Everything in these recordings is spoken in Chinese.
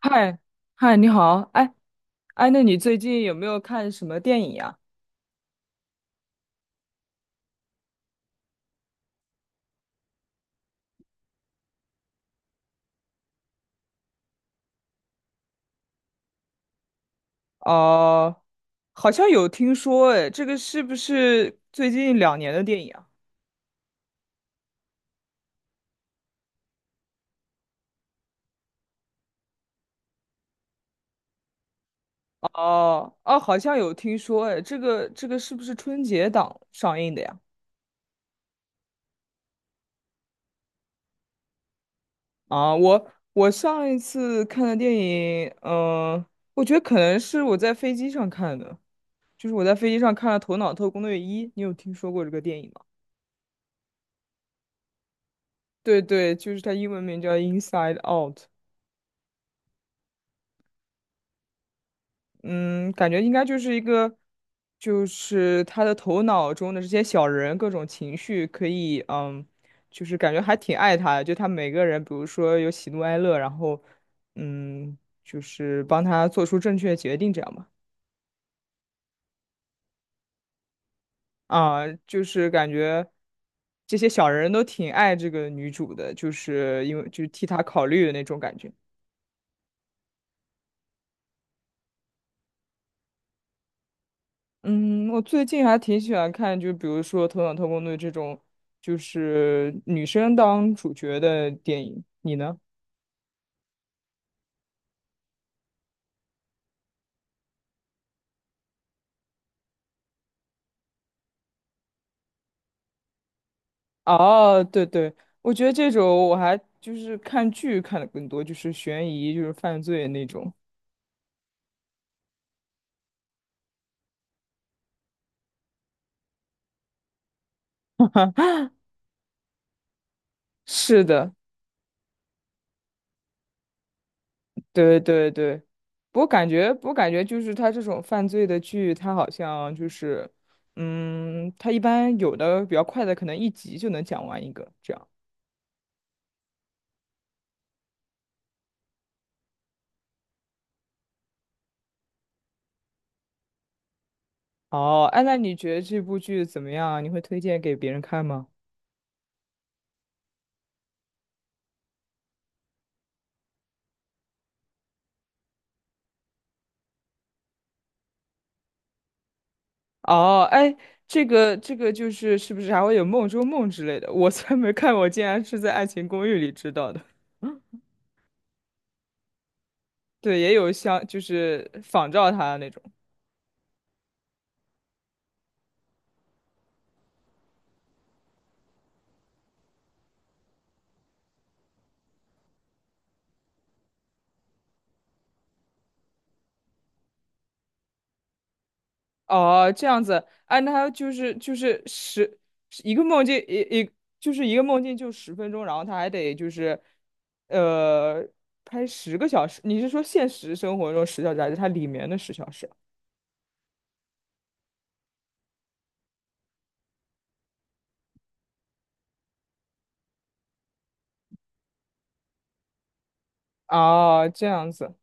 嗨，嗨，你好，哎，哎，那你最近有没有看什么电影呀？哦、好像有听说，哎，这个是不是最近两年的电影啊？哦，哦，好像有听说，哎，这个是不是春节档上映的呀？啊，我上一次看的电影，嗯、我觉得可能是我在飞机上看的，就是我在飞机上看了《头脑特工队一》，你有听说过这个电影吗？对对，就是它英文名叫《Inside Out》。嗯，感觉应该就是一个，就是他的头脑中的这些小人各种情绪可以，嗯，就是感觉还挺爱他的。就他每个人，比如说有喜怒哀乐，然后，嗯，就是帮他做出正确的决定这样吧。啊，就是感觉这些小人都挺爱这个女主的，就是因为就是替她考虑的那种感觉。嗯，我最近还挺喜欢看，就比如说《头脑特工队》这种，就是女生当主角的电影。你呢？哦，对对，我觉得这种我还就是看剧看的更多，就是悬疑，就是犯罪那种。是的，对对对。我感觉，我感觉就是他这种犯罪的剧，他好像就是，嗯，他一般有的比较快的，可能一集就能讲完一个这样。哦，哎，那你觉得这部剧怎么样啊？你会推荐给别人看吗？哦，哎，这个就是是不是还会有《梦中梦》之类的？我才没看过我竟然是在《爱情公寓》里知道的。对，也有像就是仿照他的那种。哦，这样子，哎，那他就是就是十一个梦境，一就是一个梦境就十分钟，然后他还得就是呃拍十个小时。你是说现实生活中十小时，还是它里面的十小时啊？哦，这样子。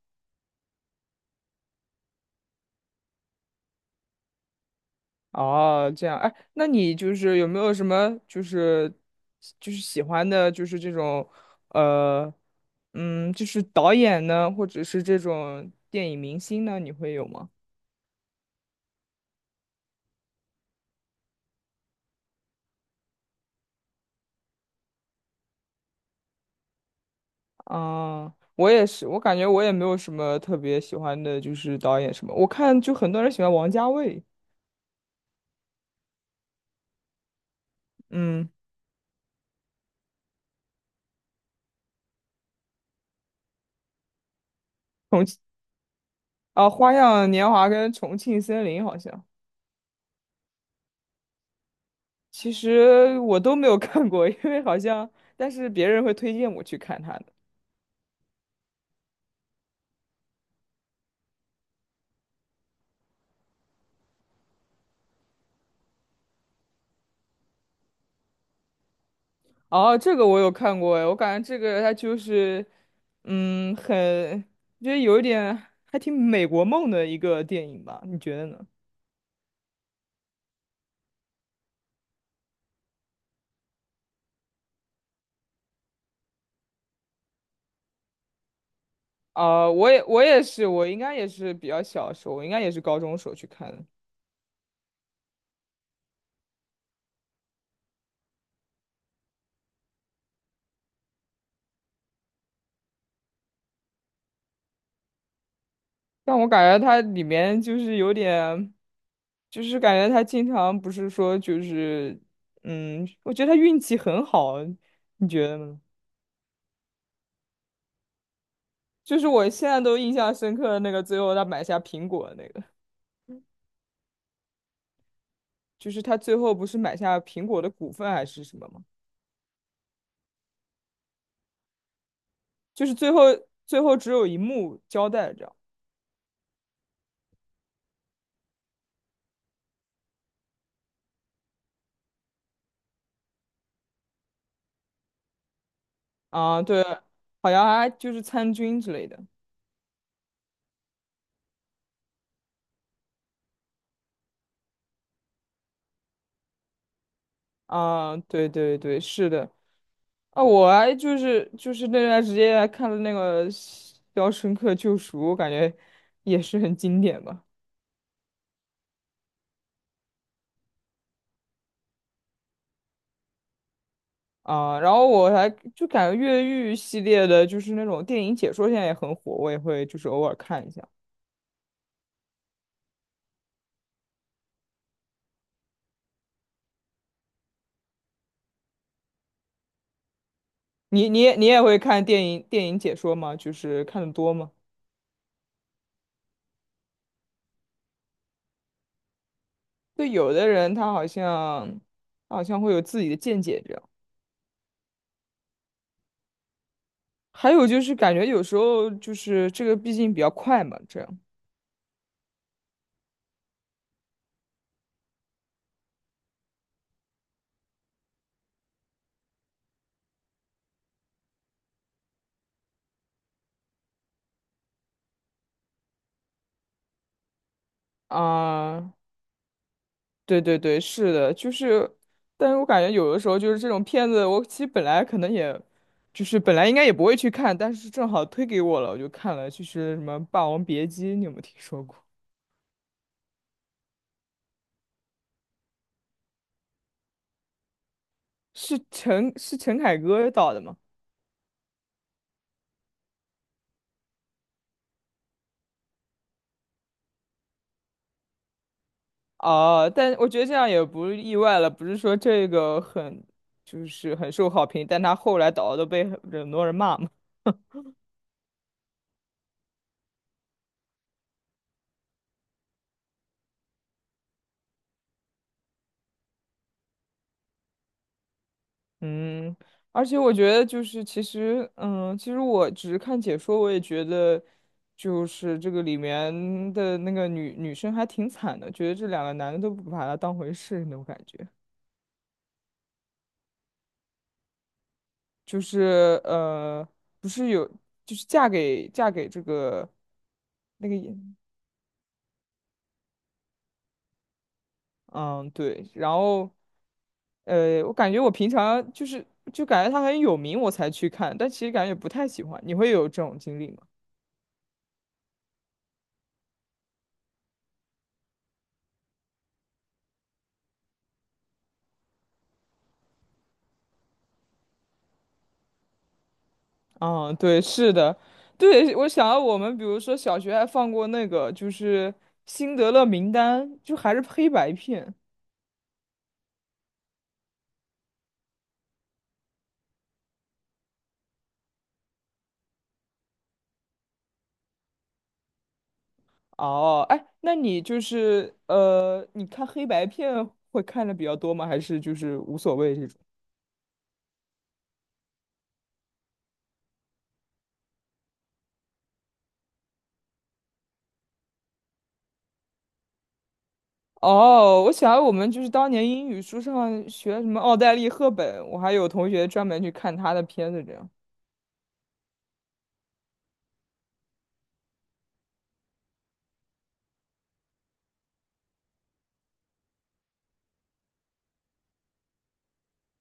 哦，这样，哎，那你就是有没有什么就是喜欢的，就是这种呃，嗯，就是导演呢，或者是这种电影明星呢，你会有吗？啊、我也是，我感觉我也没有什么特别喜欢的，就是导演什么，我看就很多人喜欢王家卫，嗯，重庆啊，《花样年华》跟《重庆森林》好像，其实我都没有看过，因为好像但是别人会推荐我去看他的。哦，这个我有看过哎，我感觉这个它就是，嗯，很，就是有一点还挺美国梦的一个电影吧？你觉得呢？啊、我也是，我应该也是比较小的时候，我应该也是高中时候去看的，但我感觉它里面就是有点，就是感觉他经常不是说就是，嗯，我觉得他运气很好，你觉得呢？就是我现在都印象深刻的那个，最后他买下苹果的那个。就是他最后不是买下苹果的股份还是什么吗？就是最后只有一幕交代着。啊，对，好像还就是参军之类的啊，对对对，是的啊，我还就是就是那段时间还看了那个《肖申克救赎》，我感觉也是很经典吧啊，然后我还就感觉越狱系列的，就是那种电影解说现在也很火，我也会就是偶尔看一下。你也会看电影解说吗？就是看的多吗？对，有的人他好像，他好像会有自己的见解，这样。还有就是感觉有时候就是这个毕竟比较快嘛，这样啊，对对对，是的，就是，但是我感觉有的时候就是这种片子，我其实本来可能也，就是本来应该也不会去看，但是正好推给我了，我就看了，就是什么《霸王别姬》，你有没有听说过？陈凯歌导的吗？哦，但我觉得这样也不意外了，不是说这个很就是很受好评，但他后来导都被很多人骂嘛。嗯，而且我觉得就是其实，嗯，其实我只是看解说，我也觉得就是这个里面的那个女生还挺惨的，觉得这两个男的都不把她当回事那种感觉，就是不是有就是嫁给这个那个演，嗯，对，然后。我感觉我平常就是就感觉他很有名，我才去看，但其实感觉不太喜欢。你会有这种经历吗？啊，对，是的，对，我想到我们比如说小学还放过那个就是《辛德勒名单》，就还是黑白片。哦，哎，那你就是你看黑白片会看的比较多吗？还是就是无所谓这种？哦，我想我们就是当年英语书上学什么奥黛丽·赫本，我还有同学专门去看她的片子这样。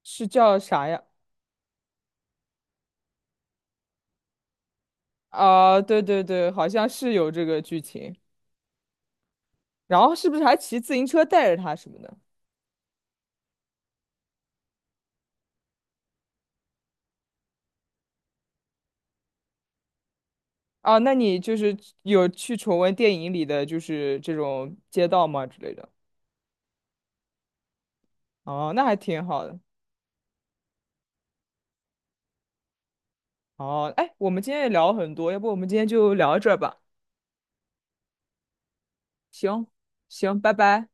是叫啥呀？啊、对对对，好像是有这个剧情。然后是不是还骑自行车带着他什么的？啊，那你就是有去重温电影里的就是这种街道吗之类的？哦，那还挺好的。哦，哎，我们今天也聊了很多，要不我们今天就聊到这儿吧？行，行，拜拜。